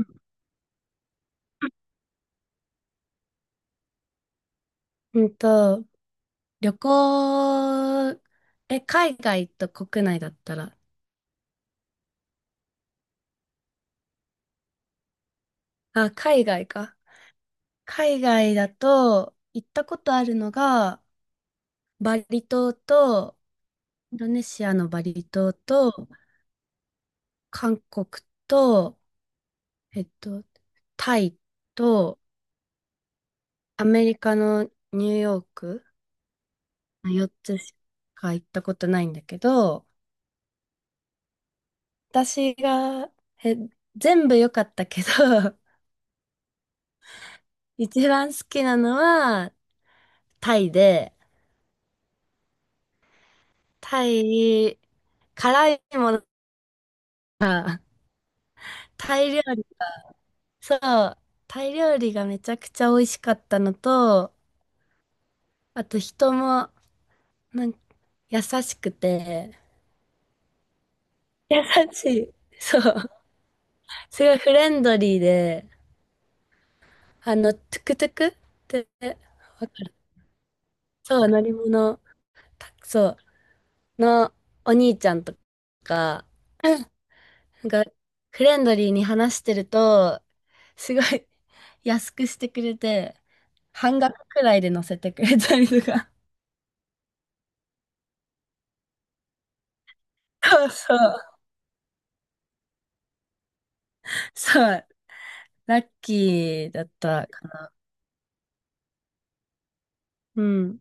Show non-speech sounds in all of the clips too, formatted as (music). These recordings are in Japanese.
うんと、旅行、海外と国内だったら、あ、海外か。海外だと、行ったことあるのが、バリ島と、インドネシアのバリ島と、韓国と、えっと、タイと、アメリカのニューヨーク、4つしか行ったことないんだけど、私が、え、全部良かったけど、(laughs) 一番好きなのは、タイで、タイ、辛いものが、タイ料理、そう、タイ料理がめちゃくちゃ美味しかったのと、あと人も、なんか、優しくて、優しい。そう。すごいフレンドリーで、トゥクトゥクって、わかる、そう、乗り物、たそう、のお兄ちゃんとか、(laughs) なんか、フレンドリーに話してると、すごい (laughs) 安くしてくれて、半額くらいで乗せてくれたりとか。(laughs) そうそう。そう。ラッキーだったかな。うん。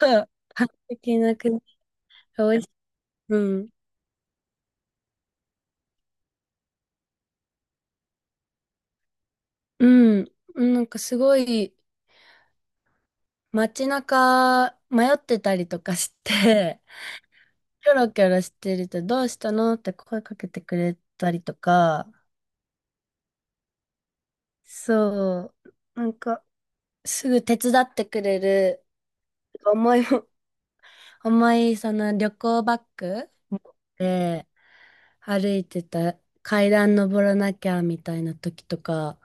そう。完璧な国。美味しい。うん。うん。なんかすごい街中迷ってたりとかして、キョロキョロしてるとどうしたのって声かけてくれたりとか、そう。なんか、すぐ手伝ってくれる。重いも、(laughs) 重いその旅行バッグで歩いてた階段登らなきゃみたいな時とか、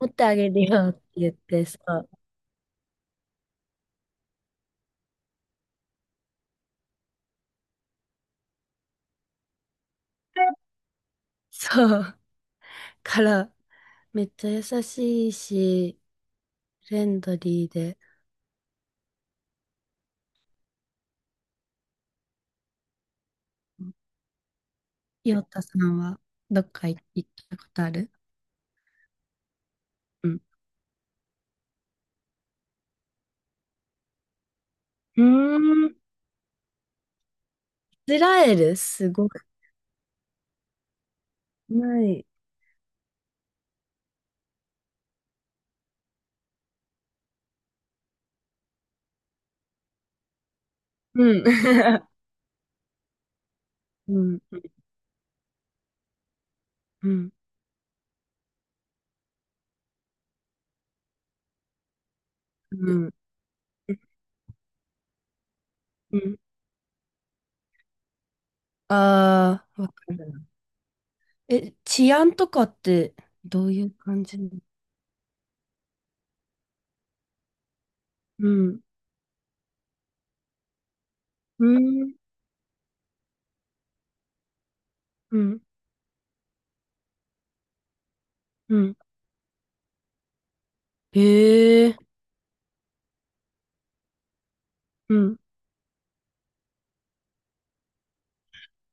持ってあげるよって言ってさ、そう。から、めっちゃ優しいし、フレンドリーで。ヨタさんはどっか行ったことある？うん。うーん、イスラエルすごくない？うん。(laughs) うん。うん。うん。うん。ああ、わかるな。治安とかってどういう感じなの？うん。うん。うん。うん。へえ。うん。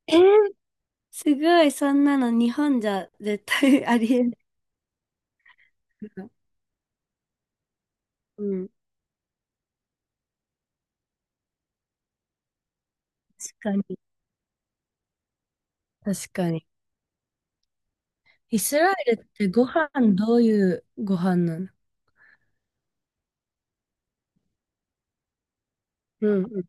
えー、すごい、そんなの日本じゃ絶対 (laughs) ありえないから。うん。確かに。確かに。イスラエルってご飯どういうご飯なの？うんうん。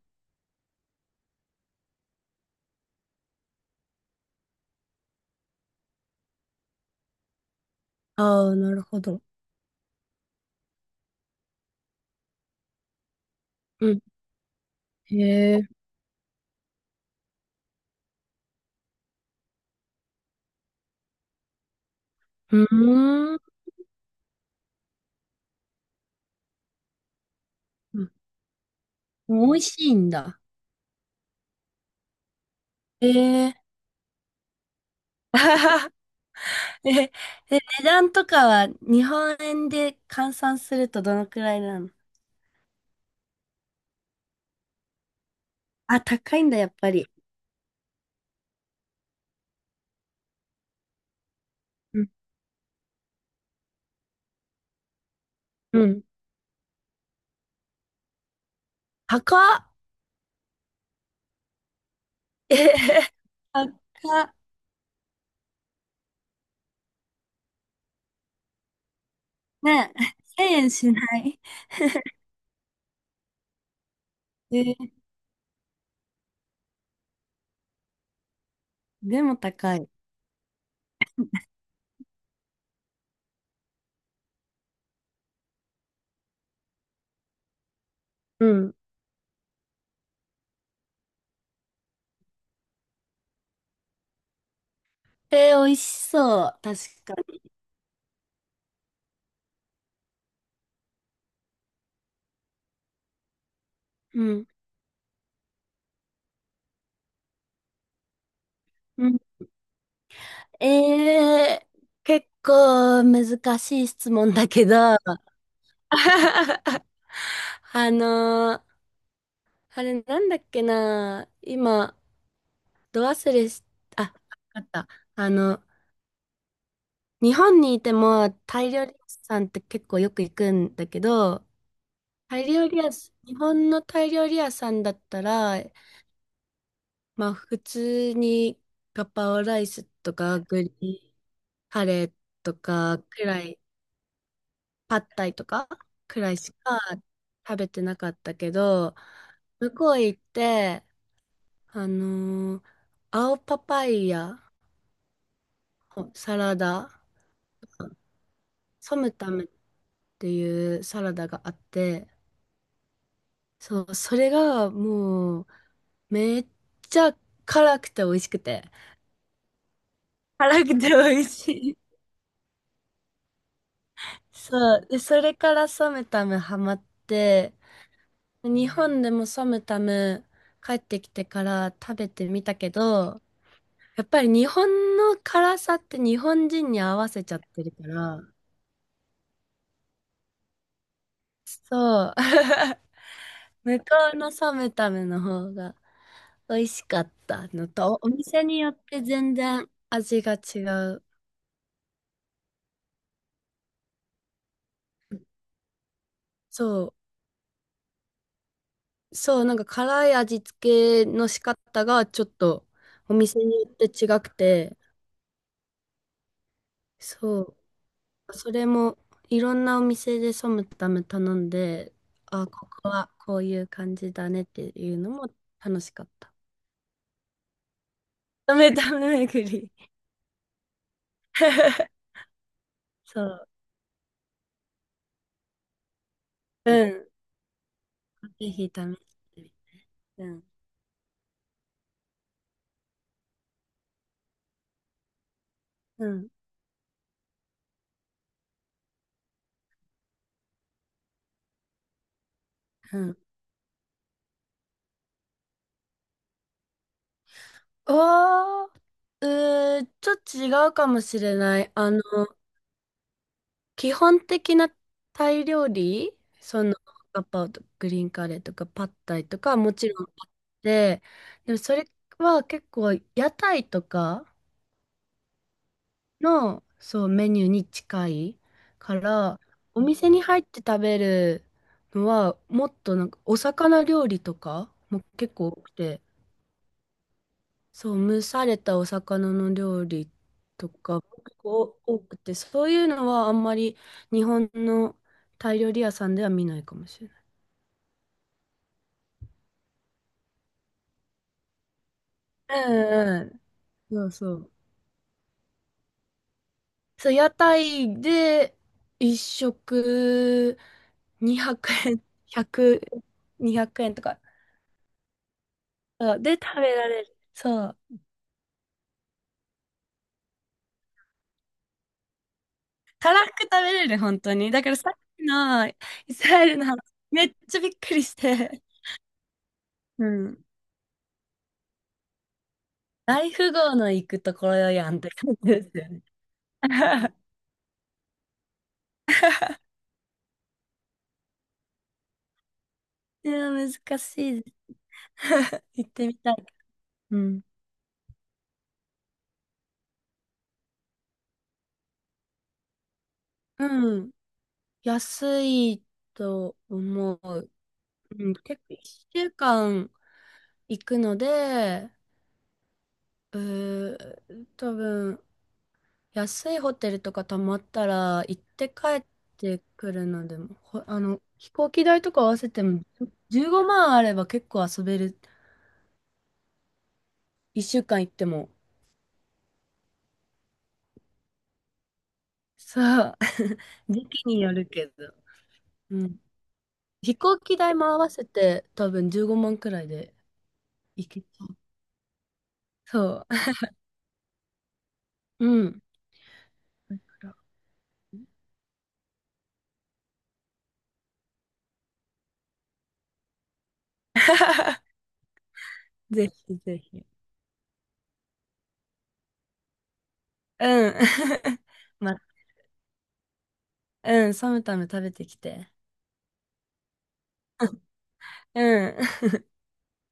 ああ、なるほど。うん。へえ。うーん。うん、美味しいんだ。へえ。(laughs) え、で、値段とかは日本円で換算するとどのくらいなの？あ、高いんだ、やっぱり。うん。うん。高っ。えへへ、高っ。ねえ、1000円しない。えーでも高い。うん。えー、美味しそう。確かに。うん。うん。結構難しい質問だけど、(laughs) あのーあれなんだっけな、今、ど忘れし、あ、わかった。あの、日本にいてもタイ料理屋さんって結構よく行くんだけど、タイ料理屋す日本のタイ料理屋さんだったら、まあ普通にガパオライスとかグリーンカレーとかくらい、パッタイとかくらいしか食べてなかったけど、向こう行って、あのー青パパイヤ、サラダ、ソムタムっていうサラダがあって、そう、それがもうめっちゃ辛くて美味しくて。辛くて美味しい。(laughs) そう。で、それからソムタムハマって、日本でもソムタム帰ってきてから食べてみたけど、やっぱり日本の辛さって日本人に合わせちゃってるから、そう。(laughs) 向こうのソムタムの方が美味しかったのと、お店によって全然味が違う。そう、そう、なんか辛い味付けの仕方がちょっとお店によって違くて、そう、それもいろんなお店でソムタム頼んで、あ、ここはこういう感じだねっていうのも楽しかった。ダメダメ巡り。(laughs) そう、うん、ぜひ試してみて。うん、うん、うん。ああ、ちょっと違うかもしれない。基本的なタイ料理、ガパオとグリーンカレーとかパッタイとかはもちろんあって、でもそれは結構屋台とかの、そう、メニューに近いから、お店に入って食べるのは、もっとなんかお魚料理とかも結構多くて、そう、蒸されたお魚の料理とか結構多くて、そういうのはあんまり日本のタイ料理屋さんでは見ないかもしれない。うんうん。そうそう。そう、屋台で一食200円、100、200円とか。そうで、食べられる。そう。たらふく食べれる、本当に。だからさっきのイスラエルの話、めっちゃびっくりして。うん。大富豪の行くところやんって感じですよね。(laughs) いや、難しいです。(laughs) 行ってみたい。うん。うん。安いと思う。うん。結構1週間行くので、多分、安いホテルとか泊まったら行って帰ってくるのでも、ほ、あの、飛行機代とか合わせても15万あれば結構遊べる。1週間行っても。そう。(laughs) 時期によるけど。うん。飛行機代も合わせて多分15万くらいで行けちう。そう。うん。だから (laughs) ぜひぜひ。うん。(laughs) ま、うん、サムタム食べてきて。うん。